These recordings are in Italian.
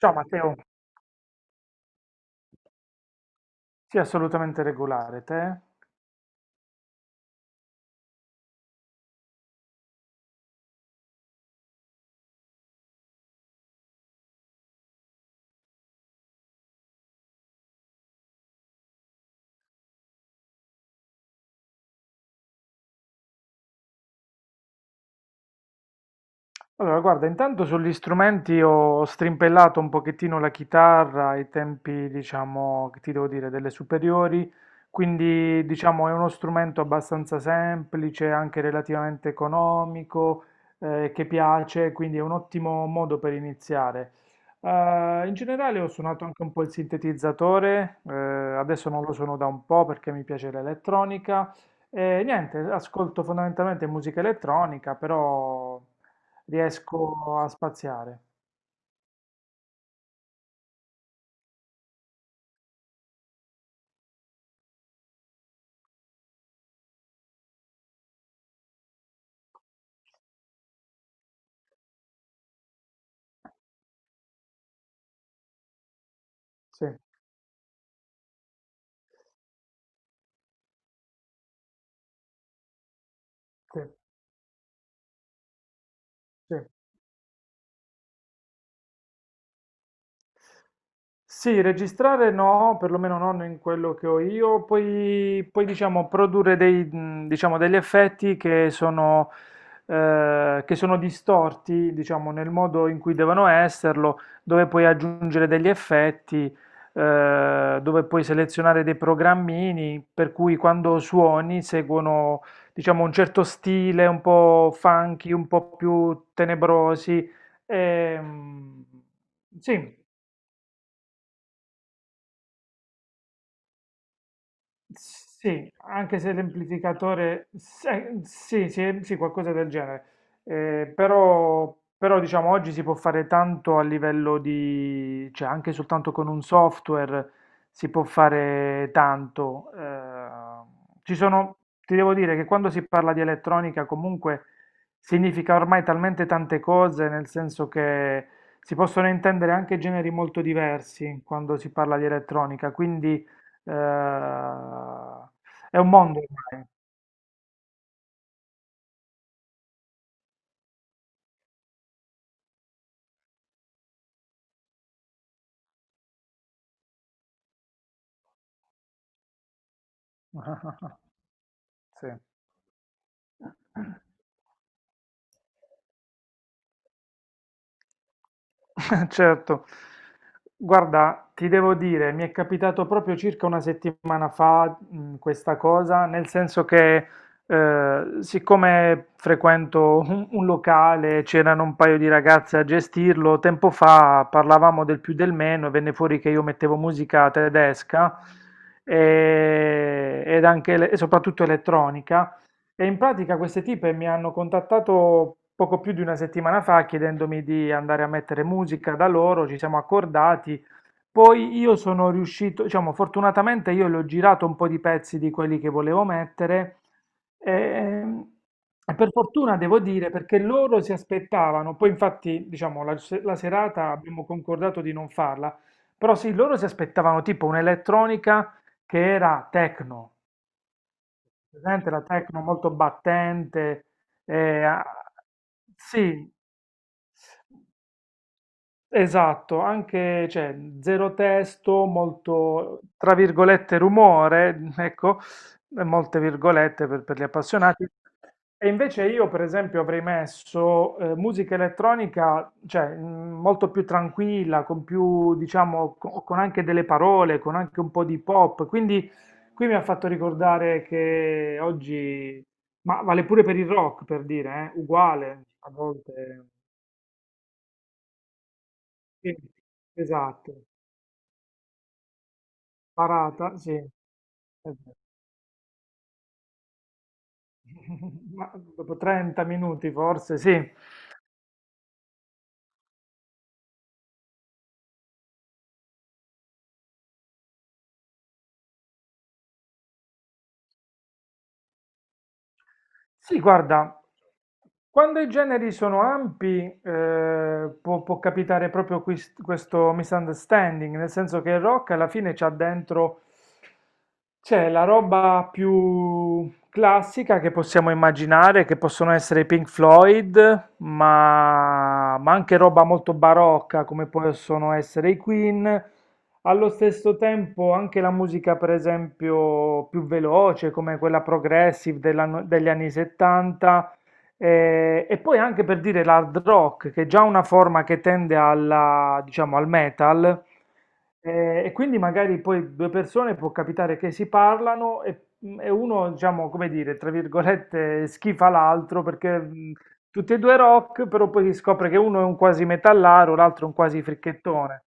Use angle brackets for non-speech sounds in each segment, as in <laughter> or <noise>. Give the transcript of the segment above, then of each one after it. Ciao Matteo. Sì, assolutamente regolare, te? Allora, guarda, intanto sugli strumenti ho strimpellato un pochettino la chitarra ai tempi, diciamo, che ti devo dire, delle superiori, quindi diciamo è uno strumento abbastanza semplice, anche relativamente economico, che piace, quindi è un ottimo modo per iniziare. In generale ho suonato anche un po' il sintetizzatore, adesso non lo suono da un po' perché mi piace l'elettronica. E niente, ascolto fondamentalmente musica elettronica, però riesco a spaziare. Sì, sì, sì. Sì, registrare no, perlomeno non in quello che ho io, poi, diciamo, produrre dei, diciamo, degli effetti che sono distorti, diciamo, nel modo in cui devono esserlo, dove puoi aggiungere degli effetti, dove puoi selezionare dei programmini, per cui quando suoni seguono, diciamo, un certo stile, un po' funky, un po' più tenebrosi. Ehm, sì. Sì, anche se l'amplificatore, sì, sì, sì, qualcosa del genere. Però, diciamo, oggi si può fare tanto a livello di, cioè anche soltanto con un software si può fare tanto. Ci sono, Ti devo dire che quando si parla di elettronica comunque significa ormai talmente tante cose, nel senso che si possono intendere anche generi molto diversi quando si parla di elettronica, quindi. Ehm, è un mondo ormai. <laughs> Sì. <laughs> Certo. Guarda, ti devo dire, mi è capitato proprio circa una settimana fa, questa cosa, nel senso che siccome frequento un locale, c'erano un paio di ragazze a gestirlo, tempo fa parlavamo del più del meno e venne fuori che io mettevo musica tedesca ed anche e soprattutto elettronica. E in pratica queste tipe mi hanno contattato poco più di una settimana fa chiedendomi di andare a mettere musica da loro, ci siamo accordati. Poi io sono riuscito, diciamo, fortunatamente, io le ho girato un po' di pezzi di quelli che volevo mettere. ehm, E, per fortuna devo dire perché loro si aspettavano, poi infatti, diciamo, la se- la serata abbiamo concordato di non farla, però sì, loro si aspettavano tipo un'elettronica che era techno. Presente la techno molto battente, eh, a- sì. Esatto, anche cioè, zero testo, molto, tra virgolette, rumore, <laughs> ecco, molte virgolette per, gli appassionati. E invece io, per esempio, avrei messo musica elettronica, cioè, molto più tranquilla, con più, diciamo, con anche delle parole, con anche un po' di pop. Quindi qui mi ha fatto ricordare che oggi, ma vale pure per il rock, per dire, uguale, a volte. Sì, esatto. Parata, sì, è vero. <laughs> Ma dopo 30 minuti forse, sì. Sì, guarda, quando i generi sono ampi, può capitare proprio questo misunderstanding, nel senso che il rock alla fine c'ha dentro, c'è la roba più classica che possiamo immaginare, che possono essere i Pink Floyd, ma, anche roba molto barocca, come possono essere i Queen. Allo stesso tempo anche la musica, per esempio, più veloce, come quella progressive degli anni 70, e poi anche per dire l'hard rock, che è già una forma che tende alla, diciamo, al metal, e quindi magari poi due persone può capitare che si parlano e, uno, diciamo, come dire, tra virgolette, schifa l'altro perché, tutti e due rock, però poi si scopre che uno è un quasi metallaro, l'altro è un quasi fricchettone.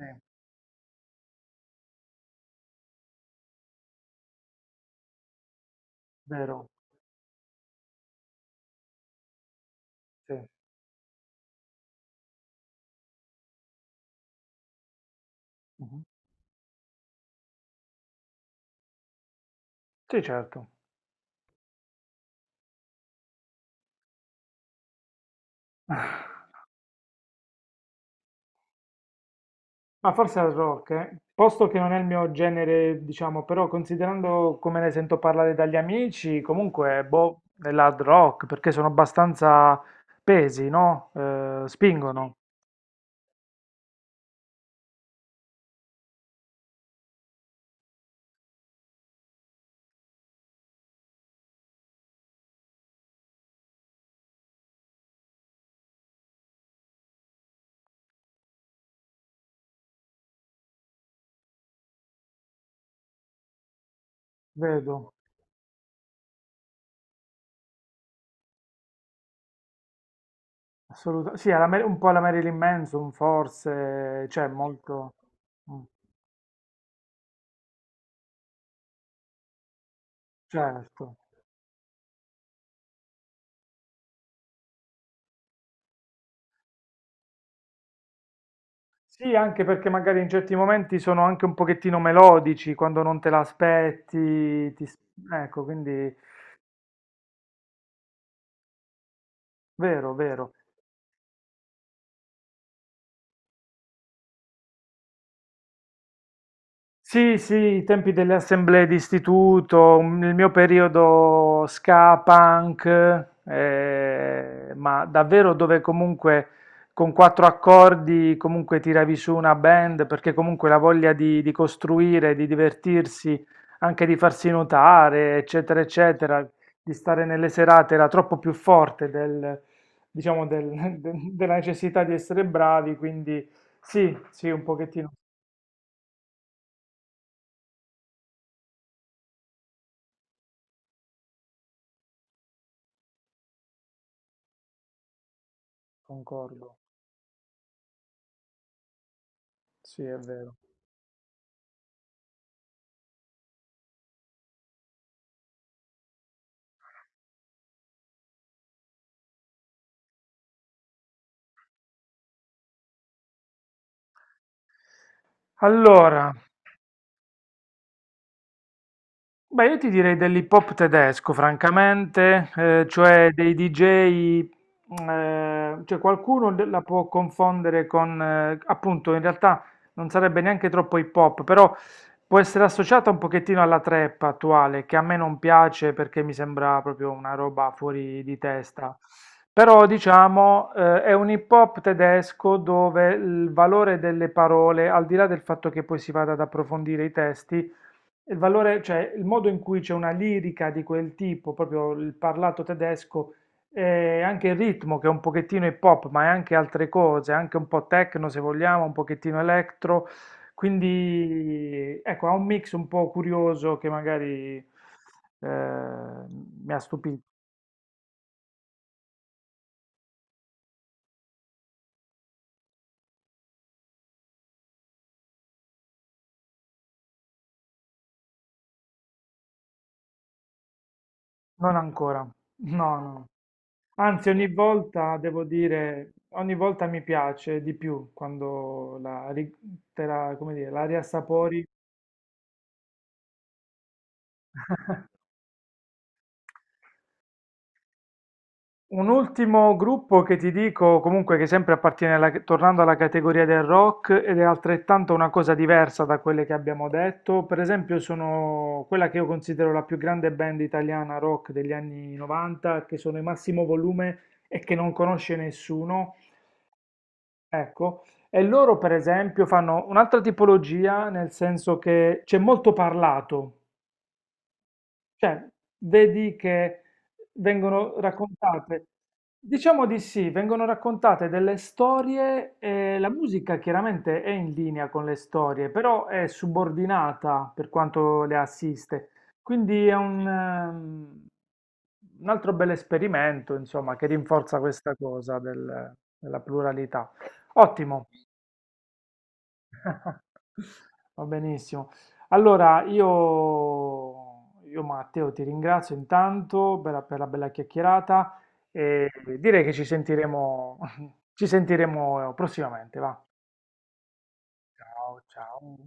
Eh, Vero. Sì, mh-mh. Sì, certo. <laughs> Ma forse al rock, eh. Posto che non è il mio genere, diciamo, però considerando come ne sento parlare dagli amici, comunque, boh, dell'hard rock, perché sono abbastanza pesi, no? Spingono, vedo. Assolutamente. Sì, alla un po' alla Marilyn Manson, forse, cioè, molto. mm, Certo. Sì, anche perché magari in certi momenti sono anche un pochettino melodici, quando non te l'aspetti, ti, ecco, quindi. Vero, vero. Sì, sì, i tempi delle assemblee di istituto, il mio periodo ska punk, ma davvero dove comunque con quattro accordi comunque tiravi su una band, perché comunque la voglia di, costruire, di divertirsi, anche di farsi notare, eccetera, eccetera, di stare nelle serate era troppo più forte del, diciamo, <laughs> della necessità di essere bravi, quindi sì, sì, un pochettino. Concordo, sì, è vero. Allora. Beh, io ti direi dell'hip hop tedesco, francamente, cioè dei DJ, cioè qualcuno la può confondere con, appunto, in realtà non sarebbe neanche troppo hip hop, però può essere associata un pochettino alla trap attuale, che a me non piace perché mi sembra proprio una roba fuori di testa. Però diciamo, è un hip hop tedesco dove il valore delle parole, al di là del fatto che poi si vada ad approfondire i testi, il valore, cioè il modo in cui c'è una lirica di quel tipo, proprio il parlato tedesco, e anche il ritmo che è un pochettino hip hop, ma è anche altre cose, anche un po' techno se vogliamo, un pochettino electro, quindi ecco, ha un mix un po' curioso che magari mi ha stupito. Non ancora, no, no. Anzi, ogni volta devo dire, ogni volta mi piace di più quando te la, come dire, la riassapori. Un ultimo gruppo che ti dico, comunque che sempre appartiene alla, tornando alla categoria del rock ed è altrettanto una cosa diversa da quelle che abbiamo detto, per esempio sono quella che io considero la più grande band italiana rock degli anni 90, che sono i Massimo Volume e che non conosce nessuno, ecco, e loro per esempio fanno un'altra tipologia, nel senso che c'è molto parlato. Cioè, vedi che vengono raccontate, diciamo di sì, vengono raccontate delle storie e la musica chiaramente è in linea con le storie, però è subordinata per quanto le assiste. Quindi è un altro bel esperimento, insomma, che rinforza questa cosa della pluralità. Ottimo. <laughs> Va benissimo. Allora, io Matteo ti ringrazio intanto per per la bella chiacchierata e direi che ci sentiremo, <laughs> ci sentiremo prossimamente, va. Ciao, ciao.